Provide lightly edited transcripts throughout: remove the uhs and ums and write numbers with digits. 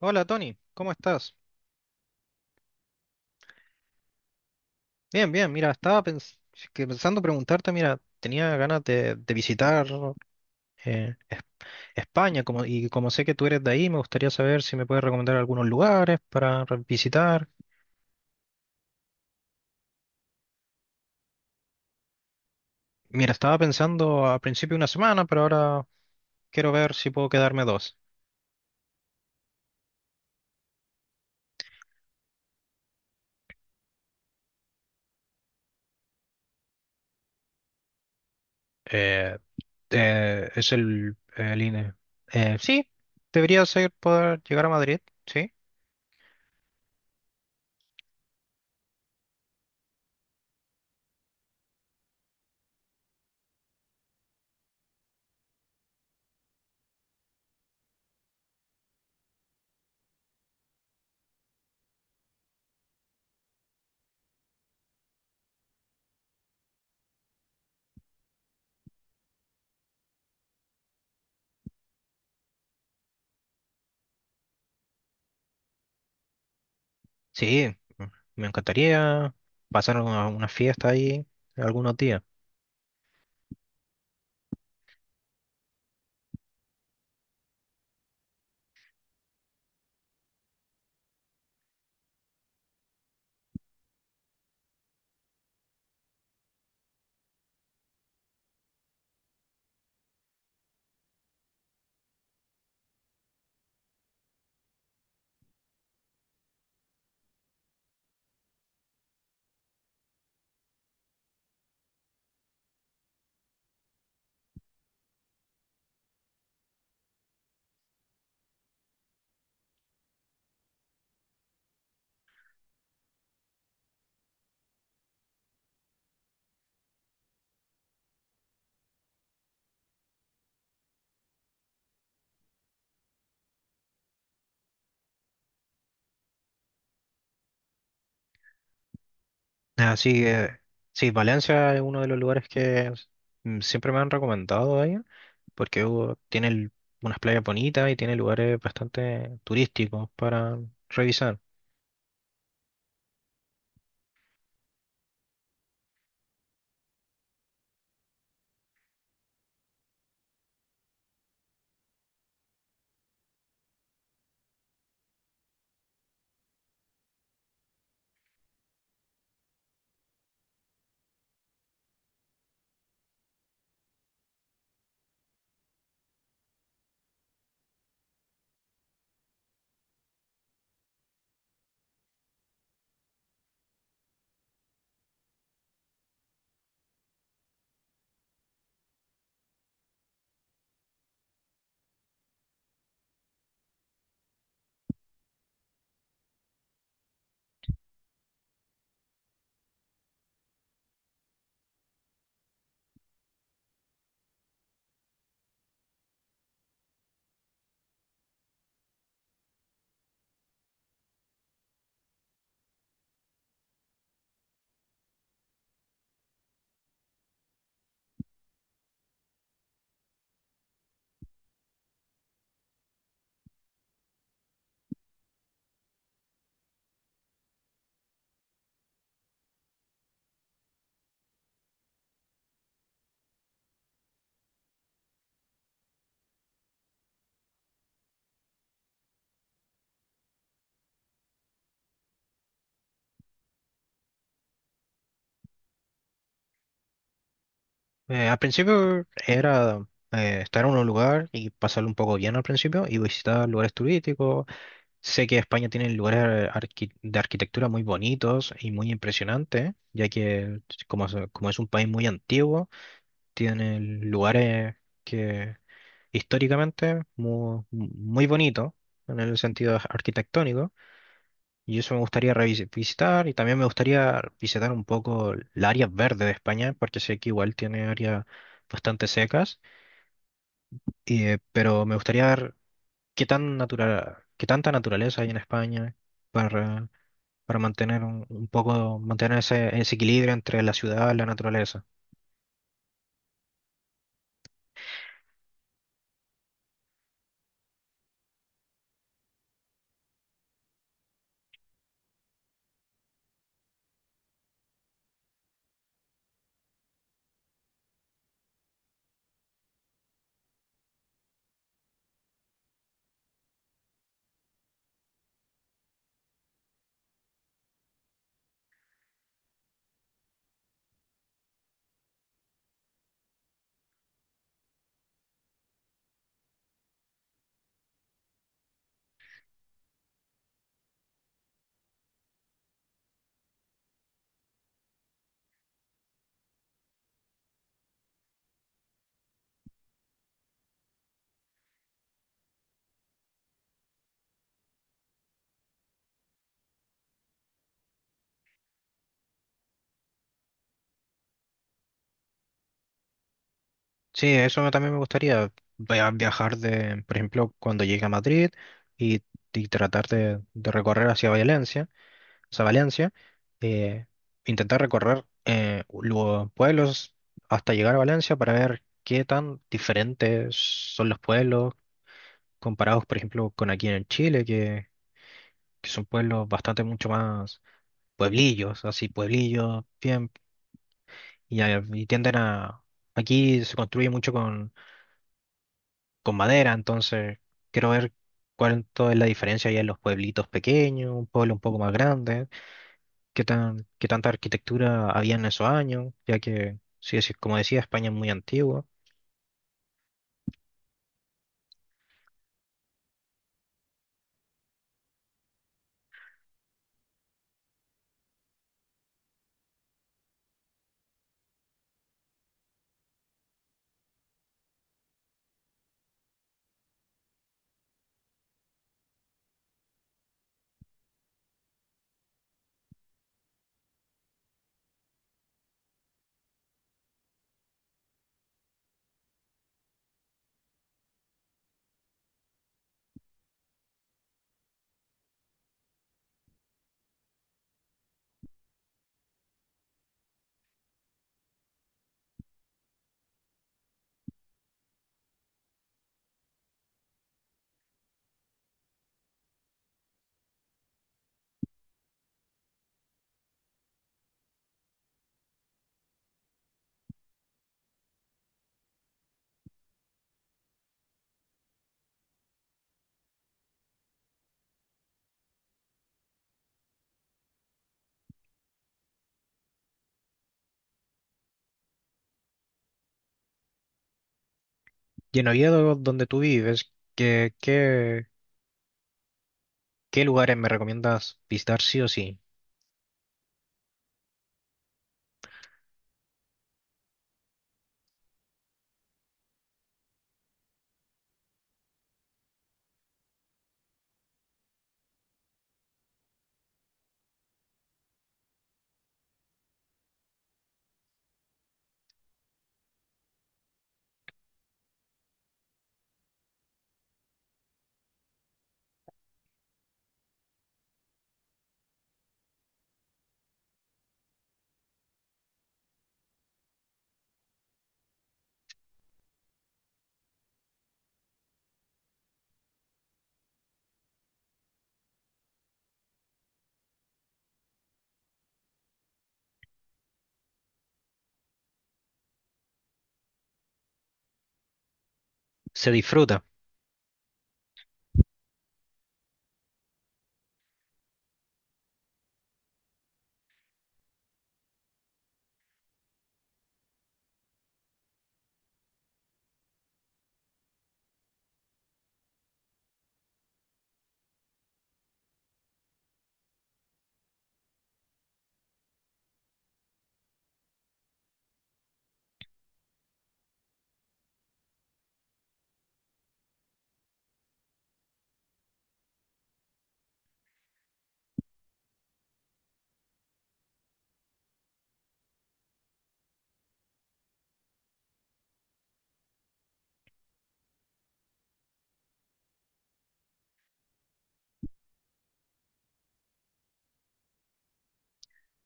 Hola Tony, ¿cómo estás? Bien, bien, mira, que pensando preguntarte. Mira, tenía ganas de visitar eh, Es- España. Como, y como sé que tú eres de ahí, me gustaría saber si me puedes recomendar algunos lugares para visitar. Mira, estaba pensando a principio de una semana, pero ahora quiero ver si puedo quedarme dos. Eh, es el INE. Sí, debería ser poder llegar a Madrid, sí. Sí, me encantaría pasar una fiesta ahí algunos días. Así que sí, Valencia es uno de los lugares que siempre me han recomendado ahí, porque unas playas bonitas y tiene lugares bastante turísticos para revisar. Al principio era estar en un lugar y pasarlo un poco bien al principio y visitar lugares turísticos. Sé que España tiene lugares de arquitectura muy bonitos y muy impresionantes, ya que como es un país muy antiguo, tiene lugares que históricamente muy bonito en el sentido arquitectónico, y eso me gustaría visitar. Y también me gustaría visitar un poco el área verde de España, porque sé que igual tiene áreas bastante secas y, pero me gustaría ver qué tan natural, qué tanta naturaleza hay en España para mantener un poco mantener ese, ese equilibrio entre la ciudad y la naturaleza. Sí, eso también me gustaría viajar de, por ejemplo, cuando llegue a Madrid y, y tratar de recorrer hacia Valencia, hacia Valencia, eh, intentar recorrer los pueblos hasta llegar a Valencia, para ver qué tan diferentes son los pueblos comparados, por ejemplo, con aquí en Chile, que son pueblos bastante mucho más pueblillos, así pueblillos, bien. Y, y tienden a, aquí se construye mucho con madera. Entonces quiero ver cuánto es la diferencia ya en los pueblitos pequeños, un pueblo un poco más grande, qué tan, qué tanta arquitectura había en esos años, ya que, sí, sí, como decía, España es muy antigua. Y en Oviedo, donde tú vives, ¿qué, qué, qué lugares me recomiendas visitar sí o sí? Se disfruta.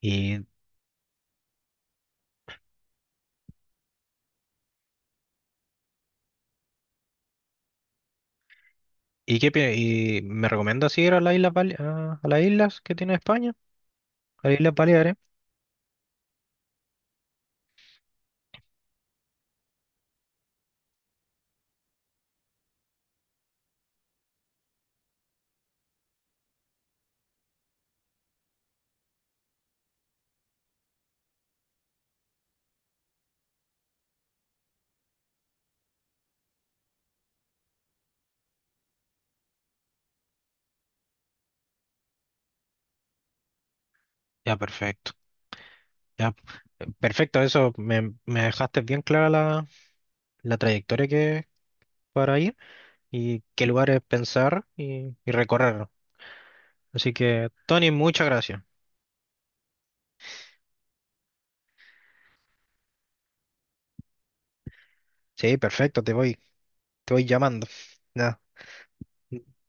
¿Y, y qué, y me recomiendas ir a las islas, a las islas que tiene España? A las Islas Baleares. Ya, perfecto. Ya, perfecto, eso me, me dejaste bien clara la, la trayectoria que para ir y qué lugares pensar y recorrer. Así que, Tony, muchas gracias. Sí, perfecto, te voy llamando. Ya,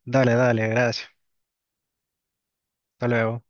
dale, dale, gracias. Hasta luego.